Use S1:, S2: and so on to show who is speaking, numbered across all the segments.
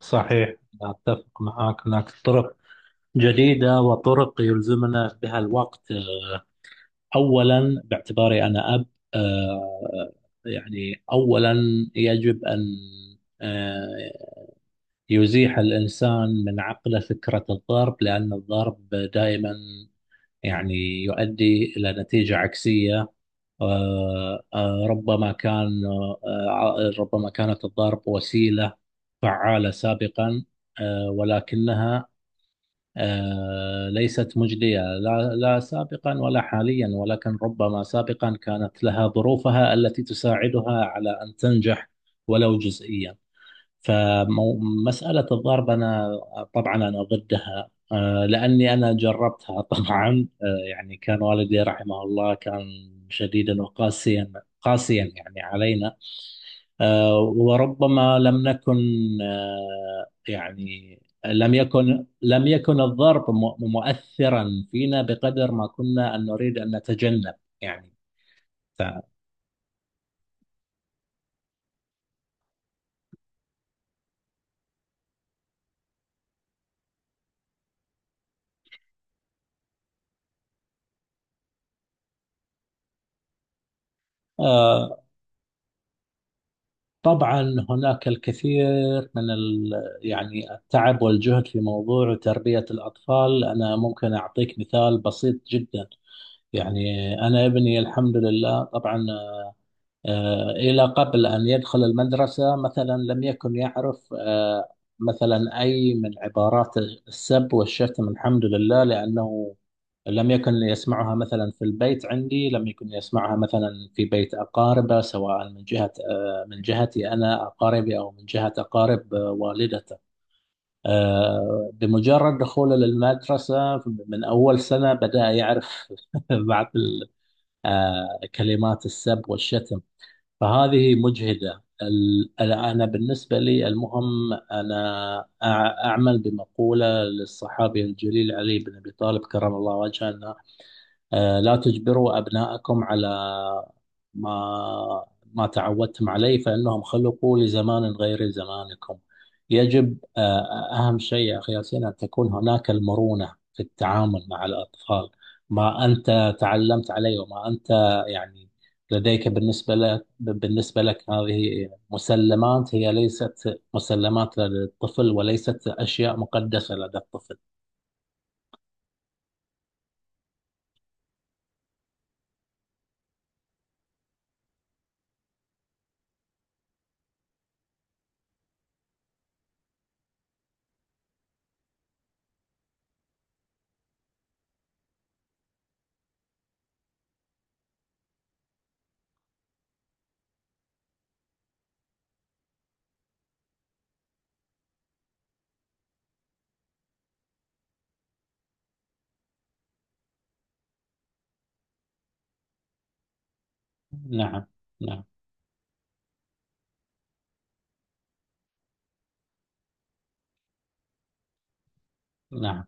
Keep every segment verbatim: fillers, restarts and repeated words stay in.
S1: صحيح، أتفق معك. هناك طرق جديدة وطرق يلزمنا بها الوقت. أولا باعتباري أنا أب، آه، يعني أولا يجب أن آه، يزيح الإنسان من عقله فكرة الضرب، لأن الضرب دائما يعني يؤدي إلى نتيجة عكسية. آه، آه، ربما كان آه، ربما كانت الضرب وسيلة فعالة سابقا، آه، ولكنها آه، ليست مجدية لا لا سابقا ولا حاليا، ولكن ربما سابقا كانت لها ظروفها التي تساعدها على أن تنجح ولو جزئيا. فمسألة الضرب أنا طبعا أنا ضدها، آه، لأني أنا جربتها طبعا. آه، يعني كان والدي رحمه الله كان شديدا وقاسيا. قاسيا يعني علينا. آه، وربما لم نكن آه، يعني لم يكن لم يكن الضرب مؤ- مؤثرا فينا بقدر ما كنا أن نريد أن نتجنب. يعني ف- آه، طبعا هناك الكثير من ال يعني التعب والجهد في موضوع تربية الأطفال. أنا ممكن أعطيك مثال بسيط جدا. يعني أنا ابني الحمد لله طبعا، آه، إلى قبل أن يدخل المدرسة مثلا لم يكن يعرف آه، مثلا أي من عبارات السب والشتم، الحمد لله، لأنه لم يكن يسمعها مثلا في البيت عندي، لم يكن يسمعها مثلا في بيت أقاربه، سواء من جهة آه، من جهتي أنا أقاربي، أو من جهة أقارب آه، والدته. آه، بمجرد دخوله للمدرسة من أول سنة بدأ يعرف بعض ال- آه، كلمات السب والشتم. فهذه مجهدة. ال- ال- أنا بالنسبة لي المهم، أنا أع- أعمل بمقولة للصحابي الجليل علي بن أبي طالب كرم الله وجهه: آه، لا تجبروا أبناءكم على ما ما تعودتم عليه، فإنهم خلقوا لزمان غير زمانكم. يجب آه، أهم شيء يا أخي ياسين أن تكون هناك المرونة في التعامل مع الأطفال. ما أنت تعلمت عليه وما أنت يعني لديك، بالنسبة لك بالنسبة لك هذه مسلمات، هي ليست مسلمات للطفل وليست أشياء مقدسة لدى الطفل. نعم، نعم، نعم.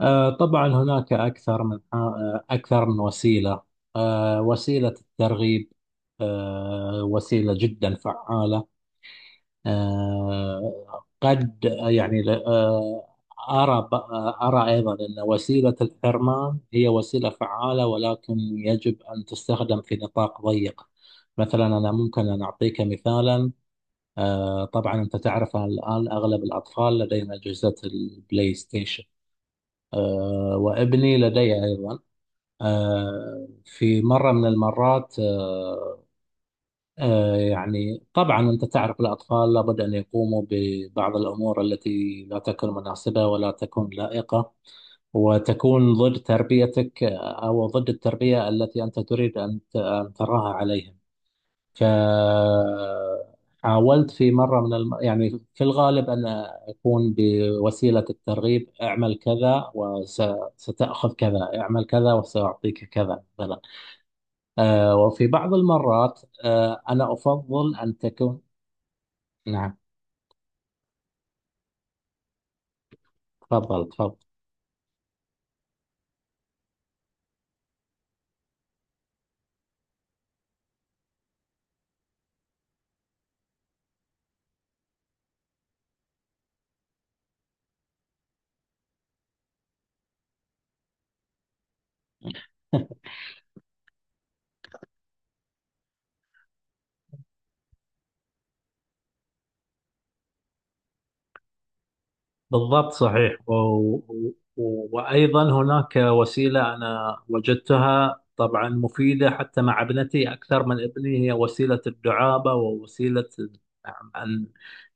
S1: آه، طبعا هناك أكثر من آه، أكثر من وسيلة. آه، وسيلة الترغيب آه، وسيلة جدا فعالة. آه، قد يعني آه، أرى أرى أيضا أن وسيلة الحرمان هي وسيلة فعالة، ولكن يجب أن تستخدم في نطاق ضيق. مثلا أنا ممكن أن أعطيك مثالا. آه، طبعا أنت تعرف الآن أغلب الأطفال لديهم أجهزة البلاي ستيشن، آه، وابني لدي أيضا. آه، في مرة من المرات آه، آه، يعني طبعا أنت تعرف الأطفال لابد أن يقوموا ببعض الأمور التي لا تكون مناسبة ولا تكون لائقة، وتكون ضد تربيتك، آه، أو ضد التربية التي أنت تريد أن أن تراها عليهم. ك حاولت في مرة من الم... يعني في الغالب أن أكون بوسيلة الترغيب، اعمل كذا وستأخذ كذا، اعمل كذا وسأعطيك كذا مثلا. آه وفي بعض المرات آه أنا أفضل أن تكون. نعم، تفضل تفضل. بالضبط صحيح. و... و... وأيضا هناك وسيلة أنا وجدتها طبعا مفيدة حتى مع ابنتي أكثر من ابني، هي وسيلة الدعابة، ووسيلة أن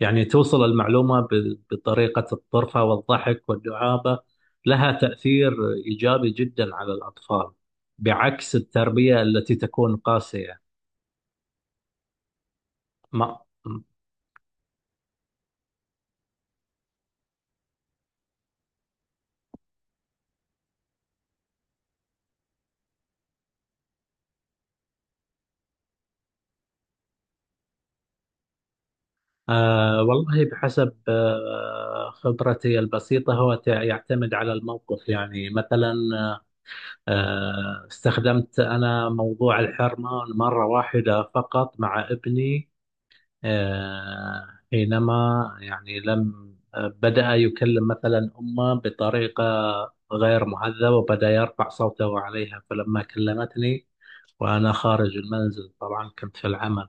S1: يعني توصل المعلومة ب... بطريقة الطرفة والضحك والدعابة. لها تأثير إيجابي جدا على الأطفال، بعكس التربية التي تكون قاسية. ما آه والله بحسب آه خبرتي البسيطة هو تع- يعتمد على الموقف. يعني مثلا آه استخدمت أنا موضوع الحرمة مرة واحدة فقط مع ابني، آه حينما يعني لم آه، بدأ يكلم مثلا أمه بطريقة غير مهذبة، وبدأ يرفع صوته عليها. فلما كلمتني وأنا خارج المنزل، طبعا كنت في العمل،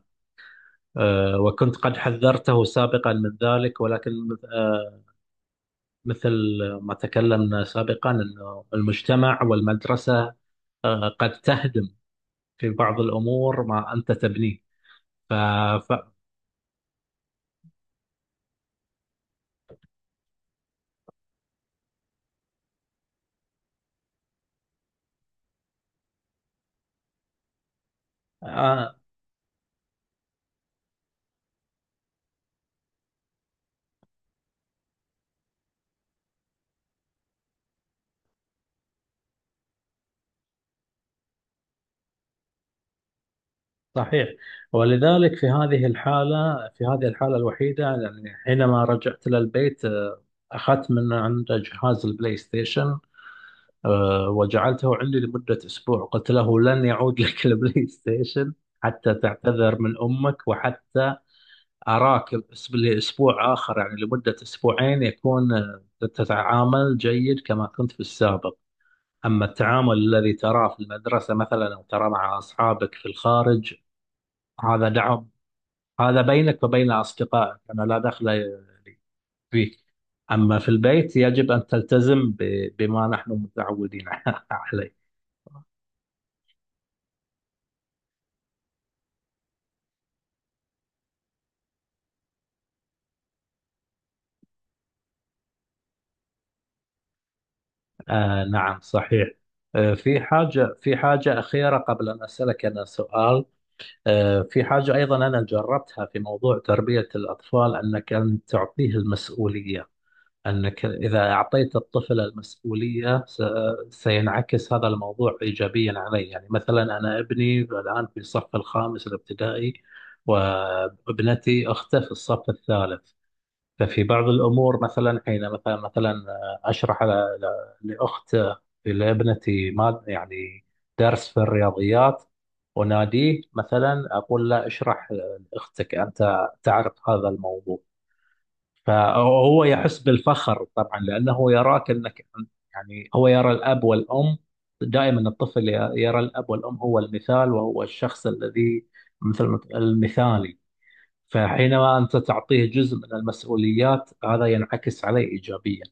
S1: آه، وكنت قد حذرته سابقا من ذلك، ولكن آه، مثل ما تكلمنا سابقا أنه المجتمع والمدرسة آه، قد تهدم في بعض الأمور ما أنت تبنيه. ف... ف... آه، صحيح. ولذلك في هذه الحالة، في هذه الحالة الوحيدة، يعني حينما رجعت إلى البيت آه، أخذت من عنده جهاز البلاي ستيشن. أه وجعلته عندي لمدة أسبوع. قلت له: لن يعود لك البلاي ستيشن حتى تعتذر من أمك، وحتى أراك الأس- لأسبوع آخر، يعني لمدة أسبوعين، يكون آه، تتعامل جيد كما كنت في السابق. أما التعامل الذي تراه في المدرسة مثلا، أو تراه مع أصحابك في الخارج، هذا دعم، هذا بينك وبين أصدقائك، أنا لا دخل فيك. أما في البيت يجب أن تلتزم ب- بما نحن متعودين عليه. آه نعم، صحيح. آه في حاجة في حاجة أخيرة قبل أن أسألك أنا سؤال. آه في حاجة أيضا أنا جربتها في موضوع تربية الأطفال، أنك أن تعطيه المسؤولية. أنك إذا أعطيت الطفل المسؤولية س- سينعكس هذا الموضوع إيجابيا عليه. يعني مثلا أنا ابني الآن في الصف الخامس الابتدائي، وابنتي أخته في الصف الثالث. ففي بعض الأمور مثلا حين مثلا مثلا آه، أشرح ل- ل- لأخت لابنتي ما يعني درس في الرياضيات، وناديه مثلا أقول له: اشرح لأختك، أنت تعرف هذا الموضوع. فهو يحس بالفخر طبعا، لأنه يراك أنك يعني، هو يرى الأب والأم دائما، الطفل ي- يرى الأب والأم هو المثال، وهو الشخص الذي مثل المثالي. فحينما أنت تعطيه جزء من المسؤوليات هذا ينعكس عليه إيجابيا.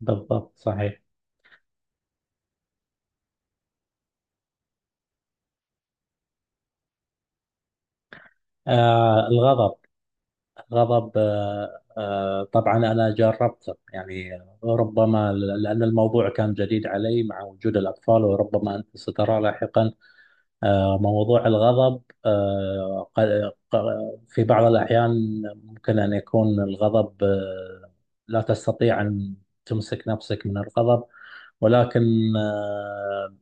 S1: بالضبط صحيح. آه الغضب، الغضب، آه آه طبعا أنا جربته. يعني ربما ل- لأن الموضوع كان جديد علي مع وجود الأطفال، وربما أنت سترى لاحقا آه موضوع الغضب. آه ق- ق- في بعض الأحيان ممكن أن يكون الغضب، آه لا تستطيع أن تمسك نفسك من الغضب. ولكن آه،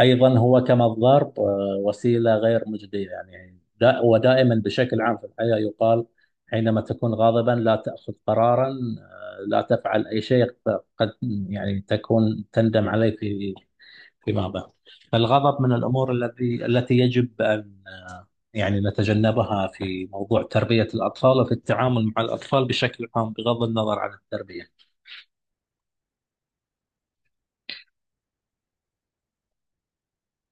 S1: ايضا هو كما الضرب آه، وسيله غير مجديه. يعني دا ودائما بشكل عام في الحياه يقال: حينما تكون غاضبا لا تاخذ قرارا، آه، لا تفعل اي شيء قد يعني تكون تندم عليه في فيما بعد. فالغضب من الامور التي التي يجب ان يعني نتجنبها في موضوع تربيه الاطفال، وفي التعامل مع الاطفال بشكل عام بغض النظر عن التربيه.